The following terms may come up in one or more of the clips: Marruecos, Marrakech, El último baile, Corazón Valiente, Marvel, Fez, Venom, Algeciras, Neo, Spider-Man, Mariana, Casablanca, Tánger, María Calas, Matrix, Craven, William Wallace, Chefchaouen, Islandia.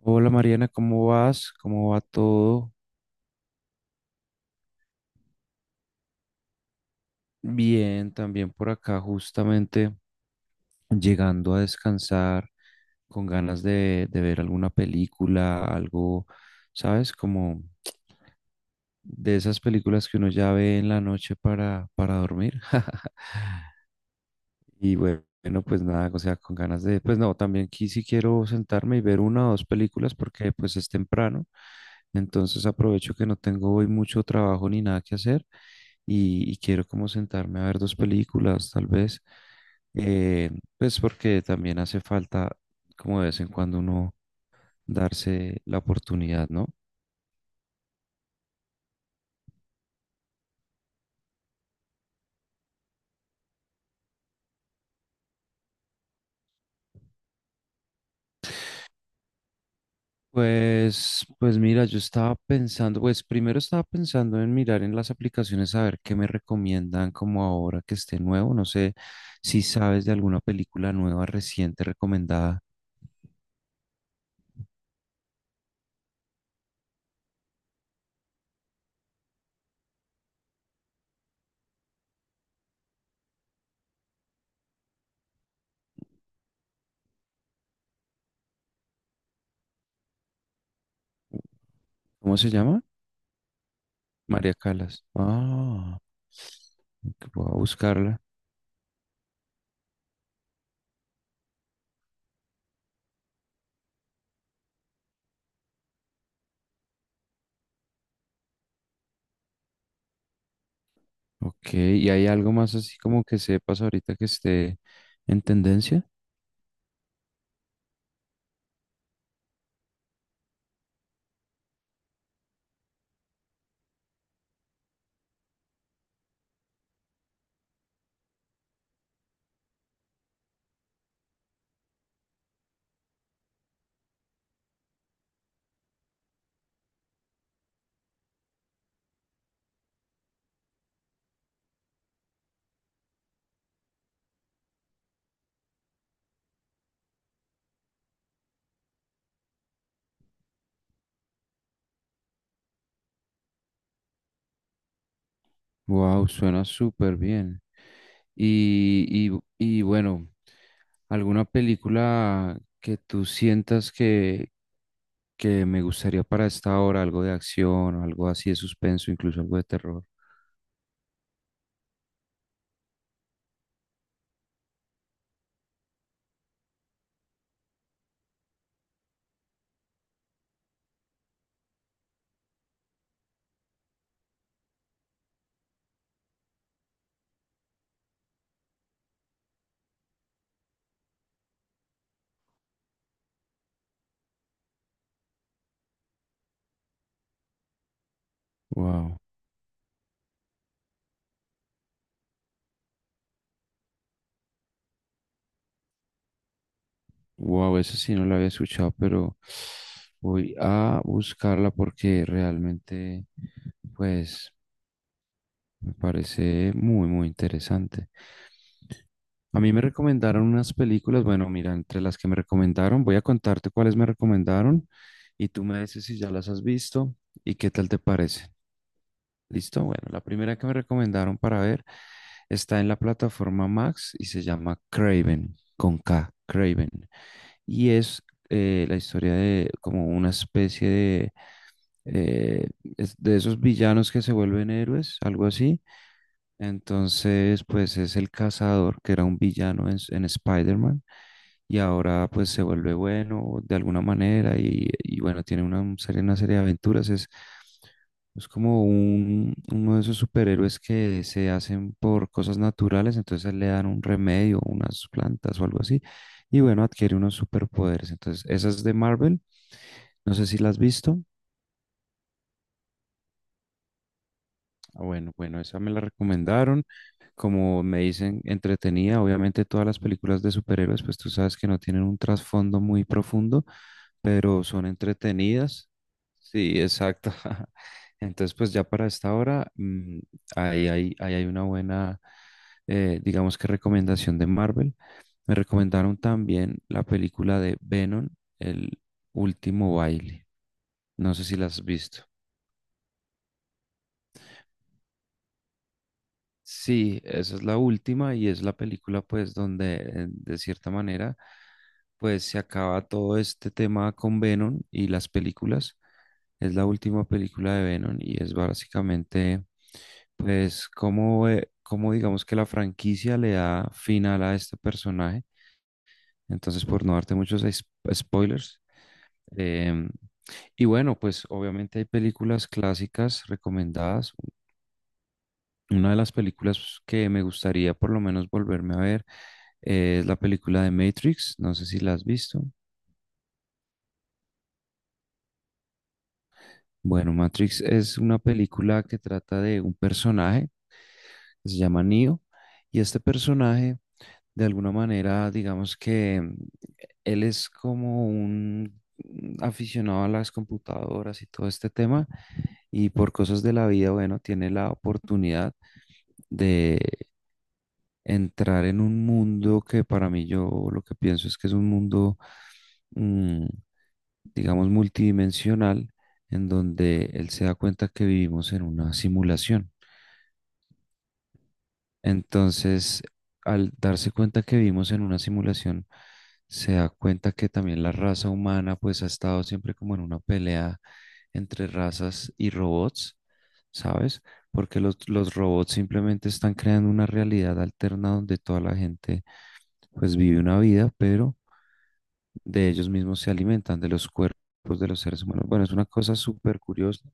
Hola Mariana, ¿cómo vas? ¿Cómo va todo? Bien, también por acá justamente llegando a descansar con ganas de ver alguna película, algo, ¿sabes? Como de esas películas que uno ya ve en la noche para dormir. Bueno, pues nada, o sea, con ganas de, pues no, también aquí sí quiero sentarme y ver una o dos películas porque pues es temprano, entonces aprovecho que no tengo hoy mucho trabajo ni nada que hacer y quiero como sentarme a ver dos películas tal vez, eh, pues porque también hace falta como de vez en cuando uno darse la oportunidad, ¿no? Pues mira, yo estaba pensando, pues primero estaba pensando en mirar en las aplicaciones a ver qué me recomiendan como ahora que esté nuevo. No sé si sabes de alguna película nueva reciente recomendada. ¿Cómo se llama? María Calas. Ah, ok, voy a buscarla. Ok, ¿y hay algo más así como que sepas ahorita que esté en tendencia? Wow, suena súper bien. Y bueno, ¿alguna película que tú sientas que me gustaría para esta hora? Algo de acción o algo así de suspenso, incluso algo de terror. Wow. Wow, eso sí no lo había escuchado, pero voy a buscarla porque realmente, pues, me parece muy, muy interesante. A mí me recomendaron unas películas, bueno, mira, entre las que me recomendaron, voy a contarte cuáles me recomendaron y tú me dices si ya las has visto y qué tal te parece. Listo, bueno, la primera que me recomendaron para ver está en la plataforma Max y se llama Craven, con K, Craven. Y es la historia de como una especie de, eh, de esos villanos que se vuelven héroes, algo así. Entonces, pues es el cazador, que era un villano en Spider-Man, y ahora pues se vuelve bueno de alguna manera y bueno, tiene una serie de aventuras. Es como uno de esos superhéroes que se hacen por cosas naturales, entonces a él le dan un remedio, unas plantas o algo así, y bueno, adquiere unos superpoderes. Entonces, esa es de Marvel, no sé si la has visto. Ah, bueno, esa me la recomendaron. Como me dicen, entretenida. Obviamente todas las películas de superhéroes, pues tú sabes que no tienen un trasfondo muy profundo, pero son entretenidas. Sí, exacto. Entonces, pues ya para esta hora, mm, ahí hay una buena, digamos que recomendación de Marvel. Me recomendaron también la película de Venom, El último baile. No sé si la has visto. Sí, esa es la última y es la película pues donde de cierta manera pues se acaba todo este tema con Venom y las películas. Es la última película de Venom y es básicamente pues cómo, cómo digamos que la franquicia le da final a este personaje. Entonces por no darte muchos spoilers. em, y bueno, pues obviamente hay películas clásicas recomendadas, una de las películas que me gustaría por lo menos volverme a ver es la película de Matrix. No sé si la has visto. Bueno, Matrix es una película que trata de un personaje que se llama Neo, y este personaje, de alguna manera, digamos que él es como un aficionado a las computadoras y todo este tema, y por cosas de la vida, bueno, tiene la oportunidad de entrar en un mundo que para mí yo lo que pienso es que es un mundo, mm, digamos, multidimensional, en donde él se da cuenta que vivimos en una simulación. Entonces, al darse cuenta que vivimos en una simulación, se da cuenta que también la raza humana pues ha estado siempre como en una pelea entre razas y robots, ¿sabes? Porque los robots simplemente están creando una realidad alterna donde toda la gente pues vive una vida, pero de ellos mismos se alimentan, de los cuerpos de los seres humanos. Bueno, es una cosa súper curiosa.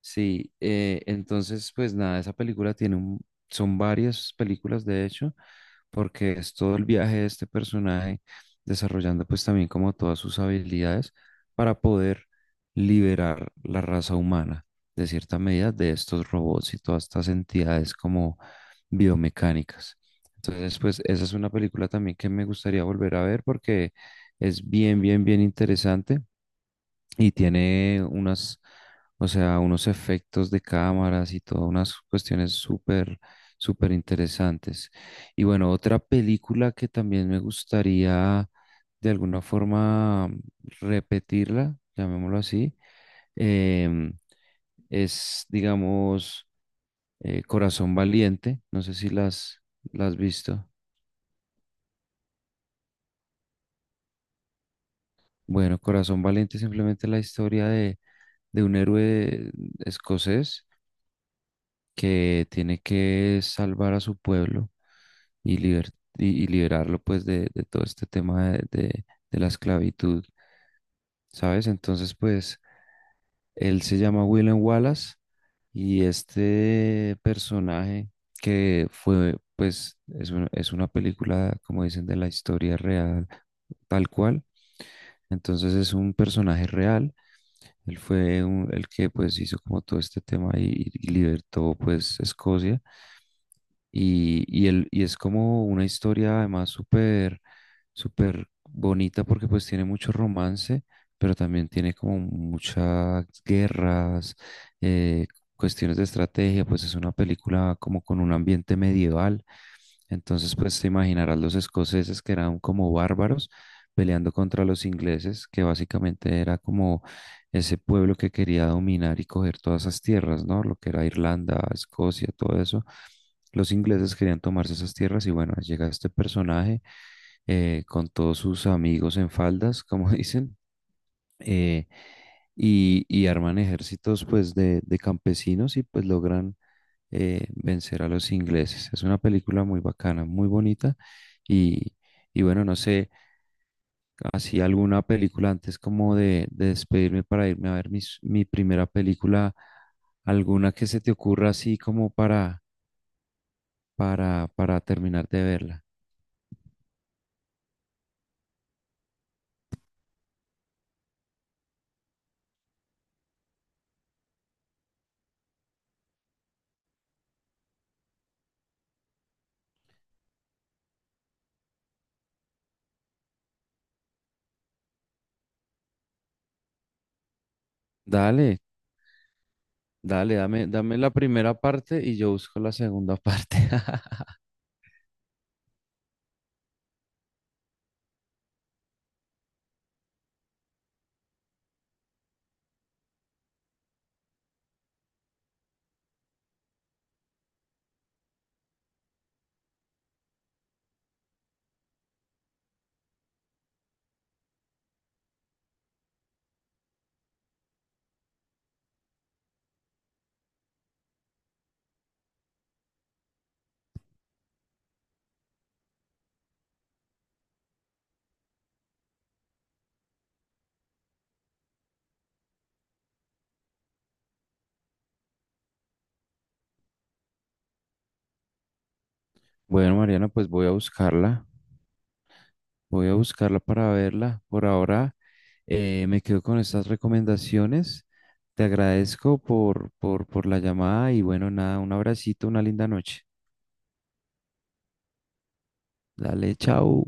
Sí, entonces pues nada, esa película tiene un, son varias películas de hecho, porque es todo el viaje de este personaje desarrollando pues también como todas sus habilidades para poder liberar la raza humana de cierta medida de estos robots y todas estas entidades como biomecánicas. Entonces pues esa es una película también que me gustaría volver a ver porque es bien, bien, bien interesante y tiene unas, o sea, unos efectos de cámaras y todas unas cuestiones súper, súper interesantes. Y bueno, otra película que también me gustaría de alguna forma repetirla, llamémoslo así, em, es, digamos, Corazón Valiente. No sé si las has visto. Bueno, Corazón Valiente es simplemente la historia de un héroe escocés que tiene que salvar a su pueblo y, liber- y liberarlo pues de todo este tema de la esclavitud, ¿sabes? Entonces pues él se llama William Wallace, y este personaje que fue, pues es una película como dicen de la historia real tal cual, entonces es un personaje real. Él fue un- el que pues hizo como todo este tema y libertó pues Escocia. Y es como una historia además súper, súper bonita porque pues tiene mucho romance, pero también tiene como muchas guerras, eh, cuestiones de estrategia, pues es una película como con un ambiente medieval. Entonces pues te imaginarás los escoceses que eran como bárbaros peleando contra los ingleses, que básicamente era como ese pueblo que quería dominar y coger todas esas tierras, ¿no? Lo que era Irlanda, Escocia, todo eso. Los ingleses querían tomarse esas tierras y bueno, llega este personaje con todos sus amigos en faldas, como dicen, eh, y arman ejércitos pues de campesinos y pues logran vencer a los ingleses. Es una película muy bacana, muy bonita y, y bueno, no sé, así alguna película antes como de despedirme para irme a ver mi primera película, alguna que se te ocurra así como para terminar de verla. Dale, dale, dame la primera parte y yo busco la segunda parte. Bueno, Mariana, pues voy a buscarla para verla. Por ahora me quedo con estas recomendaciones. Te agradezco por la llamada y bueno, nada, un abracito, una linda noche. Dale, chao.